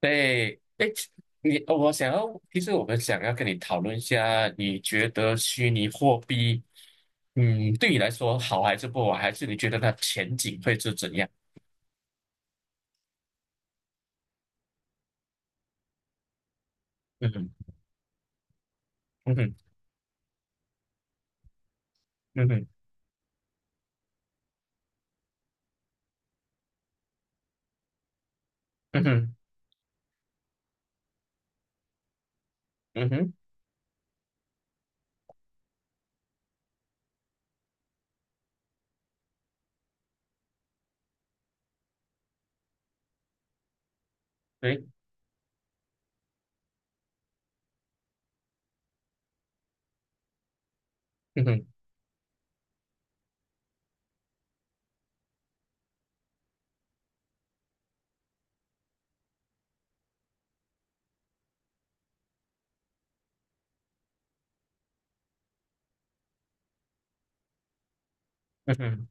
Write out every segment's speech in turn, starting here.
对，哎，我想要，其实我们想要跟你讨论一下，你觉得虚拟货币，嗯，对你来说好还是不好，还是你觉得它前景会是怎样？嗯哼。嗯哼。嗯哼。嗯哼。嗯哼。对。嗯哼。嗯哼。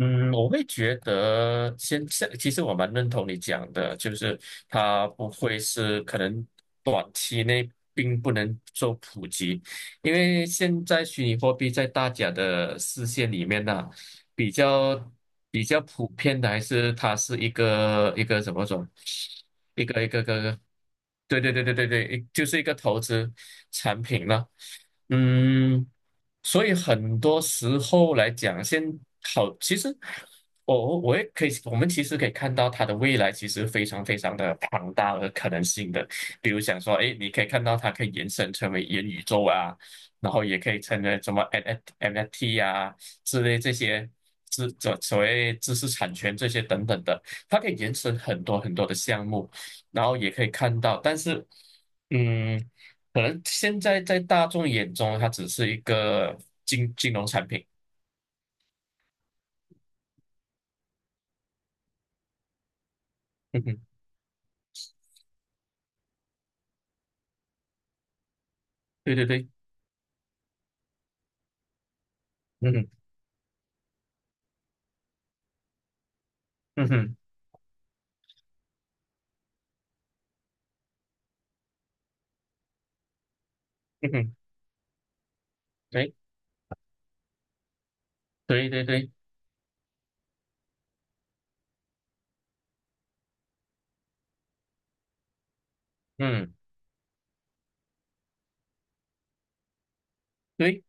嗯，我会觉得现在其实我蛮认同你讲的，就是它不会是可能短期内并不能做普及，因为现在虚拟货币在大家的视线里面呢，比较比较普遍的还是它是一个怎么说，一个，对对对对对对，就是一个投资产品了。嗯，所以很多时候来讲，先好，其实我也可以，我们其实可以看到它的未来其实非常非常的庞大和可能性的。比如想说，哎，你可以看到它可以延伸成为元宇宙啊，然后也可以成为什么 NFT 啊之类这些这所谓知识产权这些等等的，它可以延伸很多很多的项目，然后也可以看到，但是。嗯，可能现在在大众眼中，它只是一个金融产品。嗯哼。对对对。嗯哼。嗯哼。嗯哼。对对对对。嗯。对。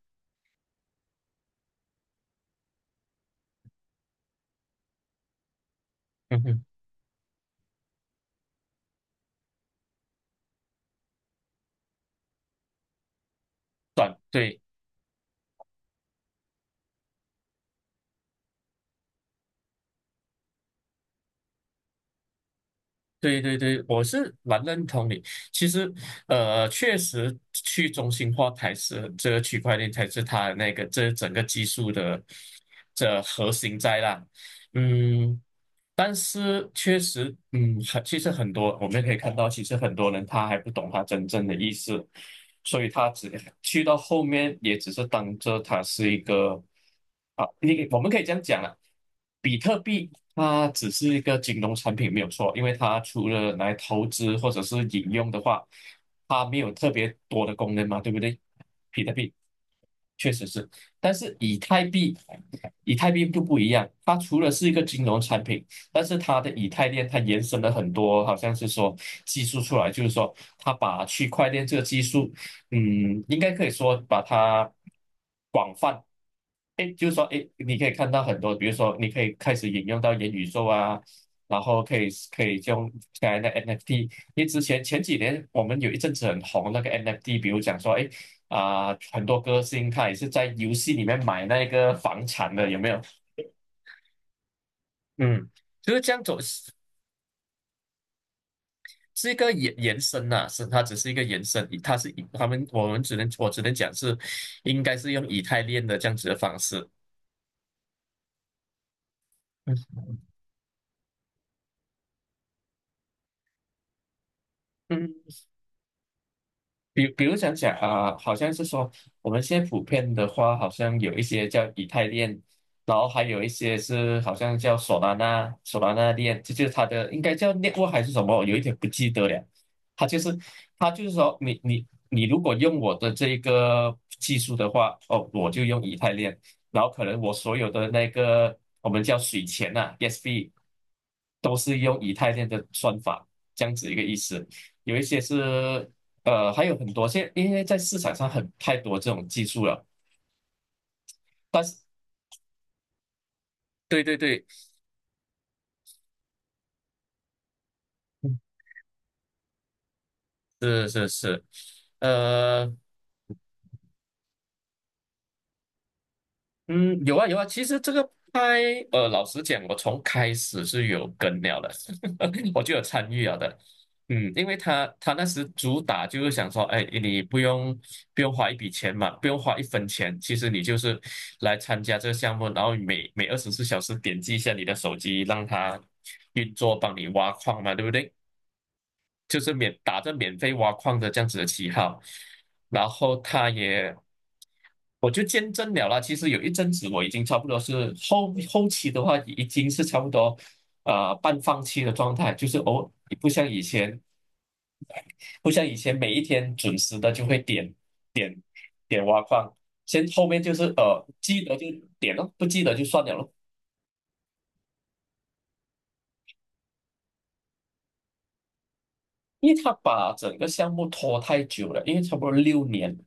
嗯哼。对对对对，我是蛮认同你。其实，确实去中心化才是这个区块链才是它的那个这整个技术的这核心在啦。嗯，但是确实，嗯，其实很多我们可以看到，其实很多人他还不懂他真正的意思，所以他只去到后面也只是当着它是一个啊，你我们可以这样讲了，比特币它只是一个金融产品没有错，因为它除了来投资或者是引用的话，它没有特别多的功能嘛，对不对？比特币确实是，但是以太币。以太币就不一样，它除了是一个金融产品，但是它的以太链它延伸了很多，好像是说技术出来，就是说它把区块链这个技术，嗯，应该可以说把它广，哎，就是说，哎，你可以看到很多，比如说你可以开始引用到元宇宙啊，然后可以用刚才的 NFT，因为前几年我们有一阵子很红那个 NFT，比如讲说，哎。啊、很多歌星他也是在游戏里面买那个房产的，有没有？嗯，就是这样走，是一个延伸呐、是它只是一个延伸，以它是以他们我们我只能讲是，应该是用以太链的这样子的方式。嗯嗯。比如想想啊、好像是说我们现在普遍的话，好像有一些叫以太链，然后还有一些是好像叫索拉纳、索拉纳链，这就是它的应该叫 network 还是什么，我有一点不记得了。它就是它就是说你如果用我的这一个技术的话，哦，我就用以太链，然后可能我所有的那个我们叫水钱呐、ESB 都是用以太链的算法，这样子一个意思。有一些是还有很多，因为在市场上太多这种技术了，但是对对对，是是是，呃，嗯，有啊有啊，其实这个拍，老实讲，我从开始是有跟了的，我就有参与了的，嗯，因为他那时主打就是想说，哎，你不用花一笔钱嘛，不用花一分钱，其实你就是来参加这个项目，然后每24小时点击一下你的手机，让它运作，帮你挖矿嘛，对不对？就是免打着免费挖矿的这样子的旗号，然后他也，我就见证了啦。其实有一阵子我已经差不多是后期的话，已经是差不多半放弃的状态，就是哦，不像以前，不像以前每一天准时的就会点点挖矿，后面就是记得就点咯，不记得就算了咯。因为他把整个项目拖太久了，因为差不多6年，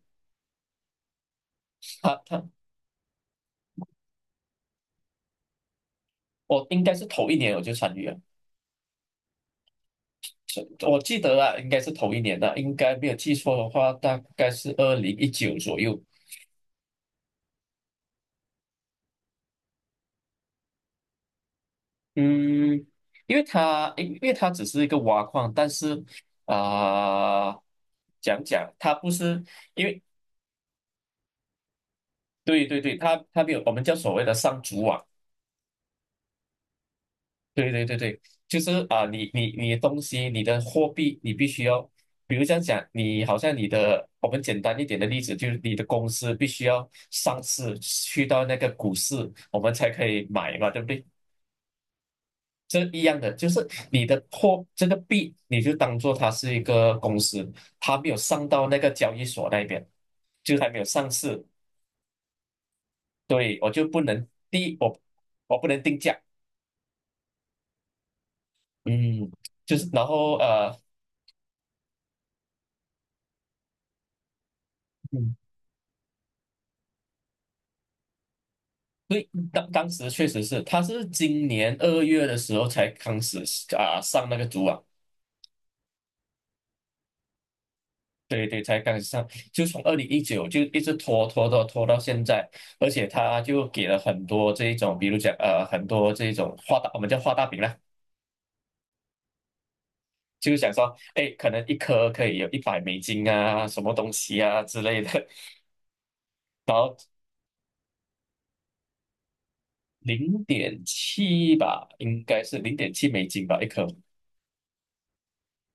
他他我应该是头一年我就参与了。我记得啊，应该是同一年的，应该没有记错的话，大概是二零一九左右。嗯，因为它因为它只是一个挖矿，但是啊、讲它不是因为对对对，它没有我们叫所谓的上主网对对对对，就是啊，你的东西，你的货币，你必须要，比如这样讲，你好像你的，我们简单一点的例子，就是你的公司必须要上市，去到那个股市，我们才可以买嘛，对不对？这一样的，就是你的货，这个币，你就当做它是一个公司，它没有上到那个交易所那边，就还没有上市，对，我就不能第一，我不能定价，嗯，就是然后嗯。对，当时确实是，他是今年二月的时候才开始啊上那个组网，对对，才开始上，就从二零一九就一直拖拖拖拖到现在，而且他就给了很多这一种，比如讲很多这一种画大，我们叫画大饼啦，就是想说，哎，可能一颗可以有100美金啊，什么东西啊之类的，零点七吧，应该是0.7美金吧一颗，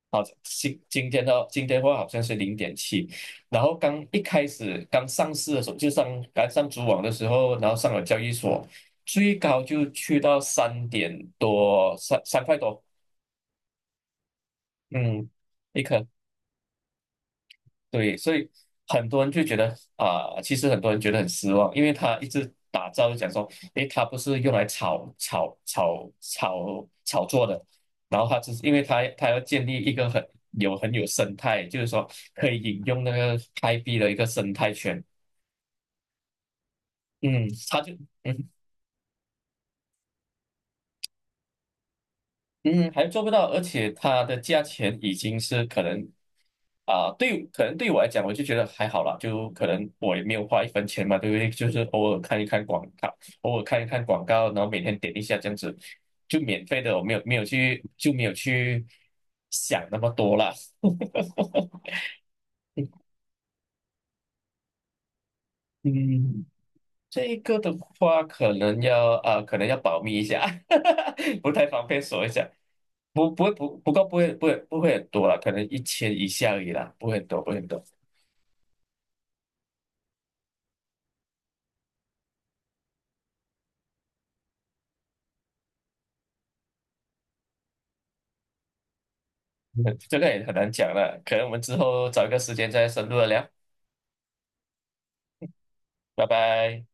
好，今天的今天的话好像是零点七，然后刚一开始刚上市的时候，刚上主网的时候，然后上了交易所，最高就去到3点多，3块多，嗯，一颗。对，所以很多人就觉得啊、其实很多人觉得很失望，因为他一直打造就讲说，诶，他不是用来炒作的，然后他只是因为他要建立一个很有生态，就是说可以引用那个开辟的一个生态圈，嗯，他就，嗯嗯，还做不到，而且它的价钱已经是可能啊、对，可能对我来讲，我就觉得还好啦，就可能我也没有花一分钱嘛，对不对？就是偶尔看一看广告，偶尔看一看广告，然后每天点一下这样子，就免费的，我没有去就没有去想那么多啦。嗯，这个的话可能要啊、可能要保密一下，不太方便说一下。不会不会不会很多了，可能1000以下而已啦，不会很多不会很多，这个也很难讲了，可能我们之后找一个时间再深入的聊，拜拜。